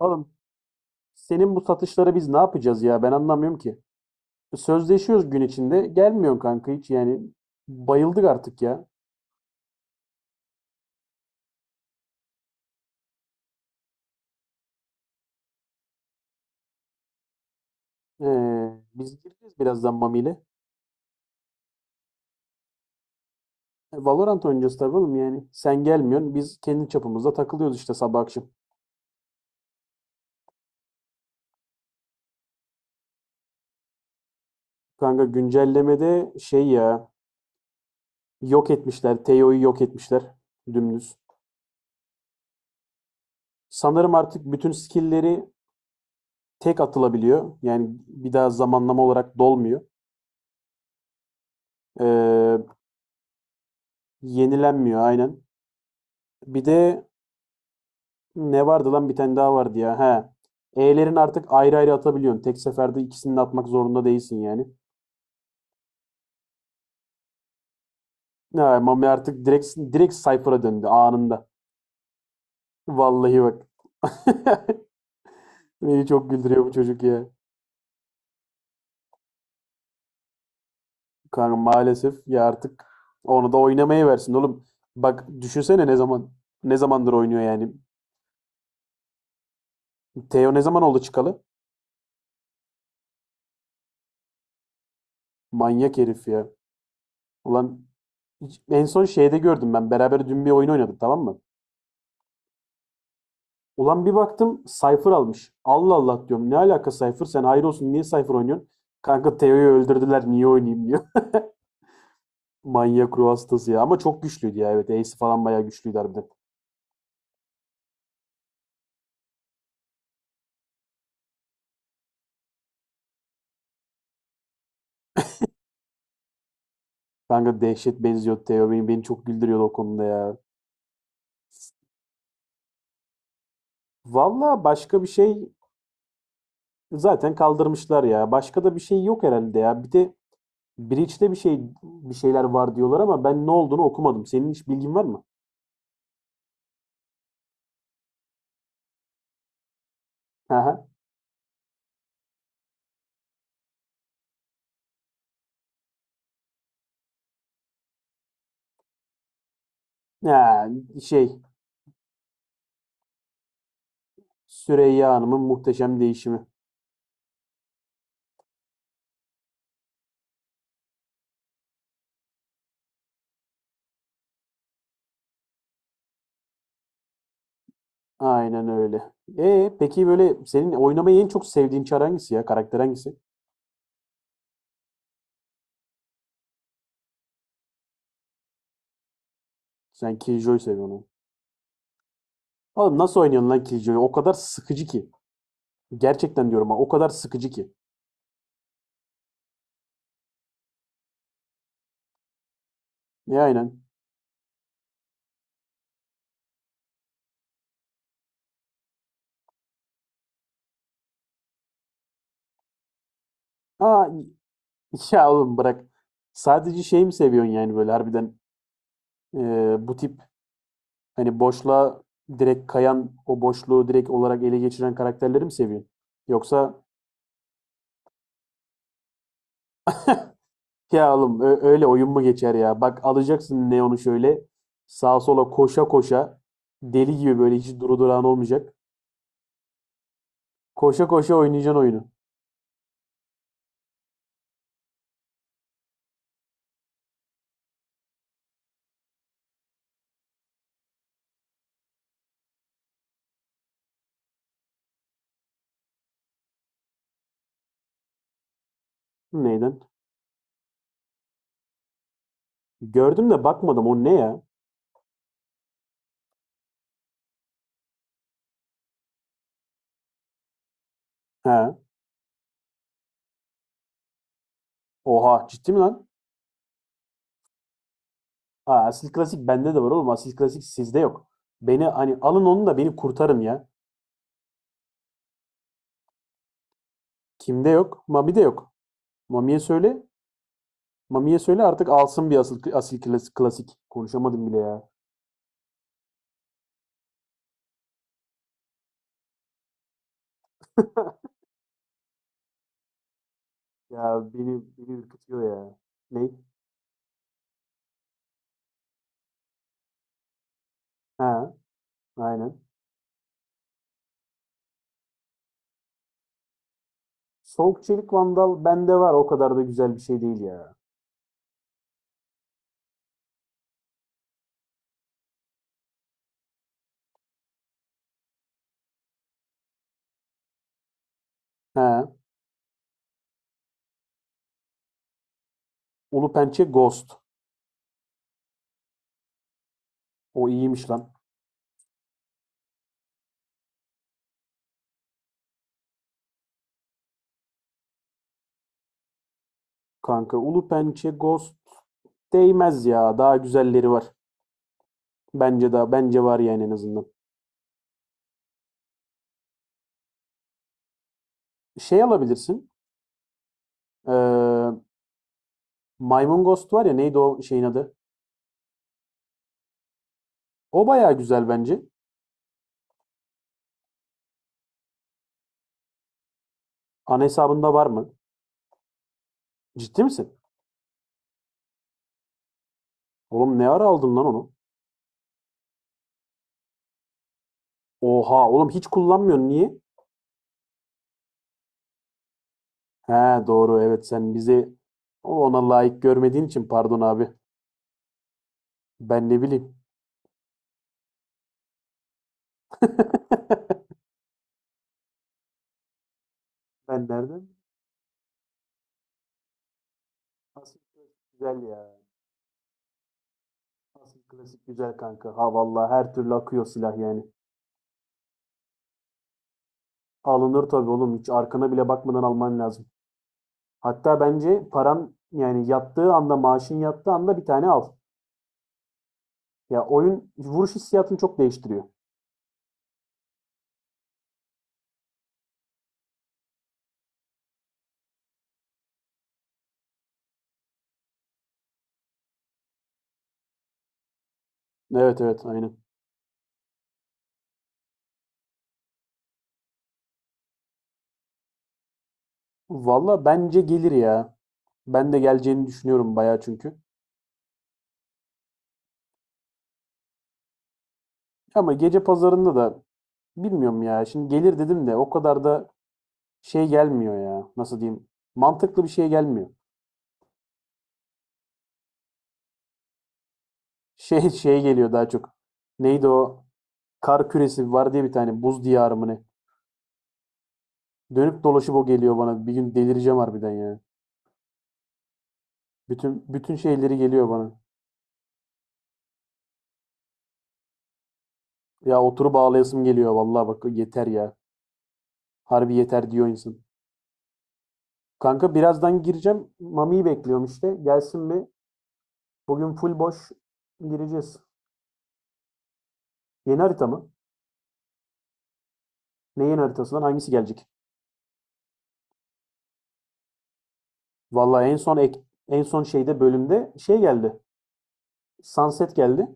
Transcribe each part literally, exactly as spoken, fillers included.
Oğlum senin bu satışları biz ne yapacağız ya ben anlamıyorum ki. Sözleşiyoruz gün içinde gelmiyorsun kanka hiç yani bayıldık artık ya. Ee, biz gireceğiz birazdan Mami ile. E, Valorant oynayacağız tabii oğlum yani. Sen gelmiyorsun biz kendi çapımızda takılıyoruz işte sabah akşam. Kanka güncellemede şey ya yok etmişler. Teo'yu yok etmişler. Dümdüz. Sanırım artık bütün skill'leri tek atılabiliyor. Yani bir daha zamanlama olarak dolmuyor. Ee, yenilenmiyor aynen. Bir de ne vardı lan bir tane daha vardı ya. He. E'lerin artık ayrı ayrı atabiliyorsun. Tek seferde ikisini de atmak zorunda değilsin yani. Ha, Mami artık direkt direkt Cypher'a döndü anında. Vallahi bak. Beni çok güldürüyor bu çocuk ya. Kanka maalesef ya artık onu da oynamaya versin oğlum. Bak düşünsene ne zaman ne zamandır oynuyor yani. Teo ne zaman oldu çıkalı? Manyak herif ya. Ulan hiç- en son şeyde gördüm ben. Beraber dün bir oyun oynadık tamam mı? Ulan bir baktım Cypher almış. Allah Allah diyorum. Ne alaka Cypher? Sen hayır olsun niye Cypher oynuyorsun? Kanka Teo'yu öldürdüler niye oynayayım diyor. Manyak ruh hastası ya. Ama çok güçlüydü ya evet. Ace falan bayağı güçlüydü harbiden. Kanka dehşet benziyor Teo. Beni, beni çok güldürüyordu o konuda ya. Valla başka bir şey zaten kaldırmışlar ya. Başka da bir şey yok herhalde ya. Bir de Breach'te bir şey bir şeyler var diyorlar ama ben ne olduğunu okumadım. Senin hiç bilgin var mı? Aha. Ha, şey Süreyya Hanım'ın muhteşem değişimi. Aynen öyle. E peki böyle senin oynamayı en çok sevdiğin çar hangisi ya? Karakter hangisi? Sen Killjoy seviyorsun. Oğlum nasıl oynuyorsun lan Killjoy'u? O kadar sıkıcı ki. Gerçekten diyorum ha o kadar sıkıcı ki. E aynen. Aa, ya oğlum bırak. Sadece şey mi seviyorsun yani böyle harbiden e, bu tip hani boşluğa direkt kayan o boşluğu direkt olarak ele geçiren karakterleri mi seviyorsun? Yoksa ya oğlum ö- öyle oyun mu geçer ya? Bak alacaksın Neon'u şöyle sağa sola koşa koşa deli gibi böyle hiç duru durağın olmayacak. Koşa koşa oynayacaksın oyunu. Neyden? Gördüm de bakmadım o ne ya? Ha. Oha ciddi mi lan? Aa, Asil Klasik bende de var oğlum. Asil Klasik sizde yok. Beni hani alın onu da beni kurtarın ya. Kimde yok? Mami'de yok. Mami'ye söyle. Mami'ye söyle artık alsın bir asıl, asil klasik, klasik. Konuşamadım bile ya. Ya beni, beni ürkütüyor ya. Ne? Ha, aynen. Soğuk Çelik Vandal bende var. O kadar da güzel bir şey değil ya. Ha, Ulu Pençe Ghost. O iyiymiş lan. Kanka Ulu Pençe Ghost değmez ya. Daha güzelleri var. Bence daha bence var yani en azından. Şey alabilirsin. Ee, Maymun Ghost var ya neydi o şeyin adı? O bayağı güzel bence. Ana hesabında var mı? Ciddi misin? Oğlum ne ara aldın lan onu? Oha oğlum hiç kullanmıyorsun niye? He doğru evet sen bizi ona layık görmediğin için pardon abi. Ben ne bileyim. Ben nereden? Asıl klasik güzel ya. Asıl klasik güzel kanka. Ha vallahi her türlü akıyor silah yani. Alınır tabii oğlum hiç arkana bile bakmadan alman lazım. Hatta bence paran yani yattığı anda, maaşın yattığı anda bir tane al. Ya oyun vuruş hissiyatını çok değiştiriyor. Evet evet aynen. Valla bence gelir ya. Ben de geleceğini düşünüyorum bayağı çünkü. Ama gece pazarında da bilmiyorum ya. Şimdi gelir dedim de o kadar da şey gelmiyor ya. Nasıl diyeyim? Mantıklı bir şey gelmiyor. Şey şey geliyor daha çok. Neydi o? Kar küresi var diye bir tane buz diyarı mı ne? Dönüp dolaşıp o geliyor bana. Bir gün delireceğim harbiden ya. Bütün bütün şeyleri geliyor bana. Ya oturup ağlayasım geliyor vallahi bak yeter ya. Harbi yeter diyor insan. Kanka birazdan gireceğim. Mami'yi bekliyorum işte. Gelsin bir. Bugün full boş gireceğiz. Yeni harita mı? Ne yeni haritasından hangisi gelecek? Vallahi en son ek- en son şeyde bölümde şey geldi. Sunset geldi.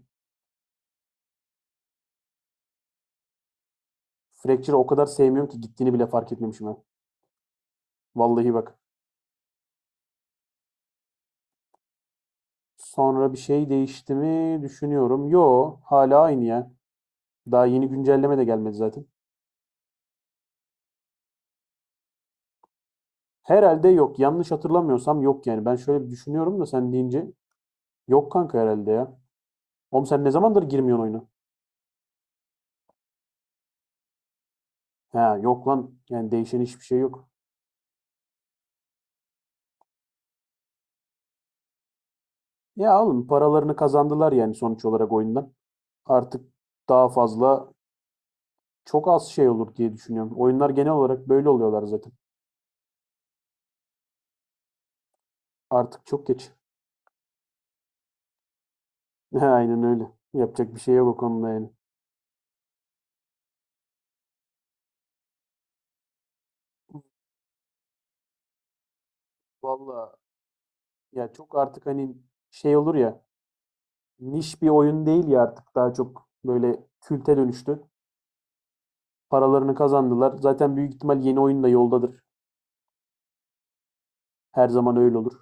Fracture'ı o kadar sevmiyorum ki gittiğini bile fark etmemişim ben. Vallahi bak. Sonra bir şey değişti mi düşünüyorum. Yo hala aynı ya. Daha yeni güncelleme de gelmedi zaten. Herhalde yok. Yanlış hatırlamıyorsam yok yani. Ben şöyle bir düşünüyorum da sen deyince yok kanka herhalde ya. Oğlum sen ne zamandır girmiyorsun oyuna? Ha yok lan. Yani değişen hiçbir şey yok. Ya oğlum paralarını kazandılar yani sonuç olarak oyundan. Artık daha fazla çok az şey olur diye düşünüyorum. Oyunlar genel olarak böyle oluyorlar zaten. Artık çok geç. Aynen öyle. Yapacak bir şey yok o konuda yani. Valla ya çok artık hani şey olur ya niş bir oyun değil ya artık daha çok böyle külte dönüştü. Paralarını kazandılar. Zaten büyük ihtimal yeni oyun da yoldadır. Her zaman öyle olur.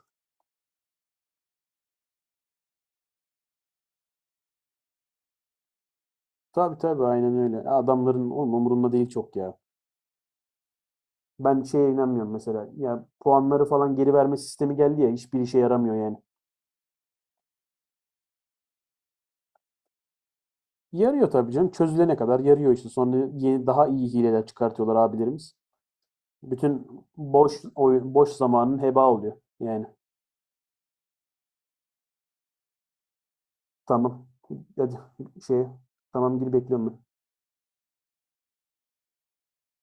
Tabii tabii aynen öyle. Adamların oğlum umurunda değil çok ya. Ben şeye inanmıyorum mesela. Ya puanları falan geri verme sistemi geldi ya hiçbir işe yaramıyor yani. Yarıyor tabii canım. Çözülene kadar yarıyor işte. Sonra yeni, daha iyi hileler çıkartıyorlar abilerimiz. Bütün boş oy- boş zamanın heba oluyor. Yani tamam. Hadi şey tamam gir bekliyorum ben.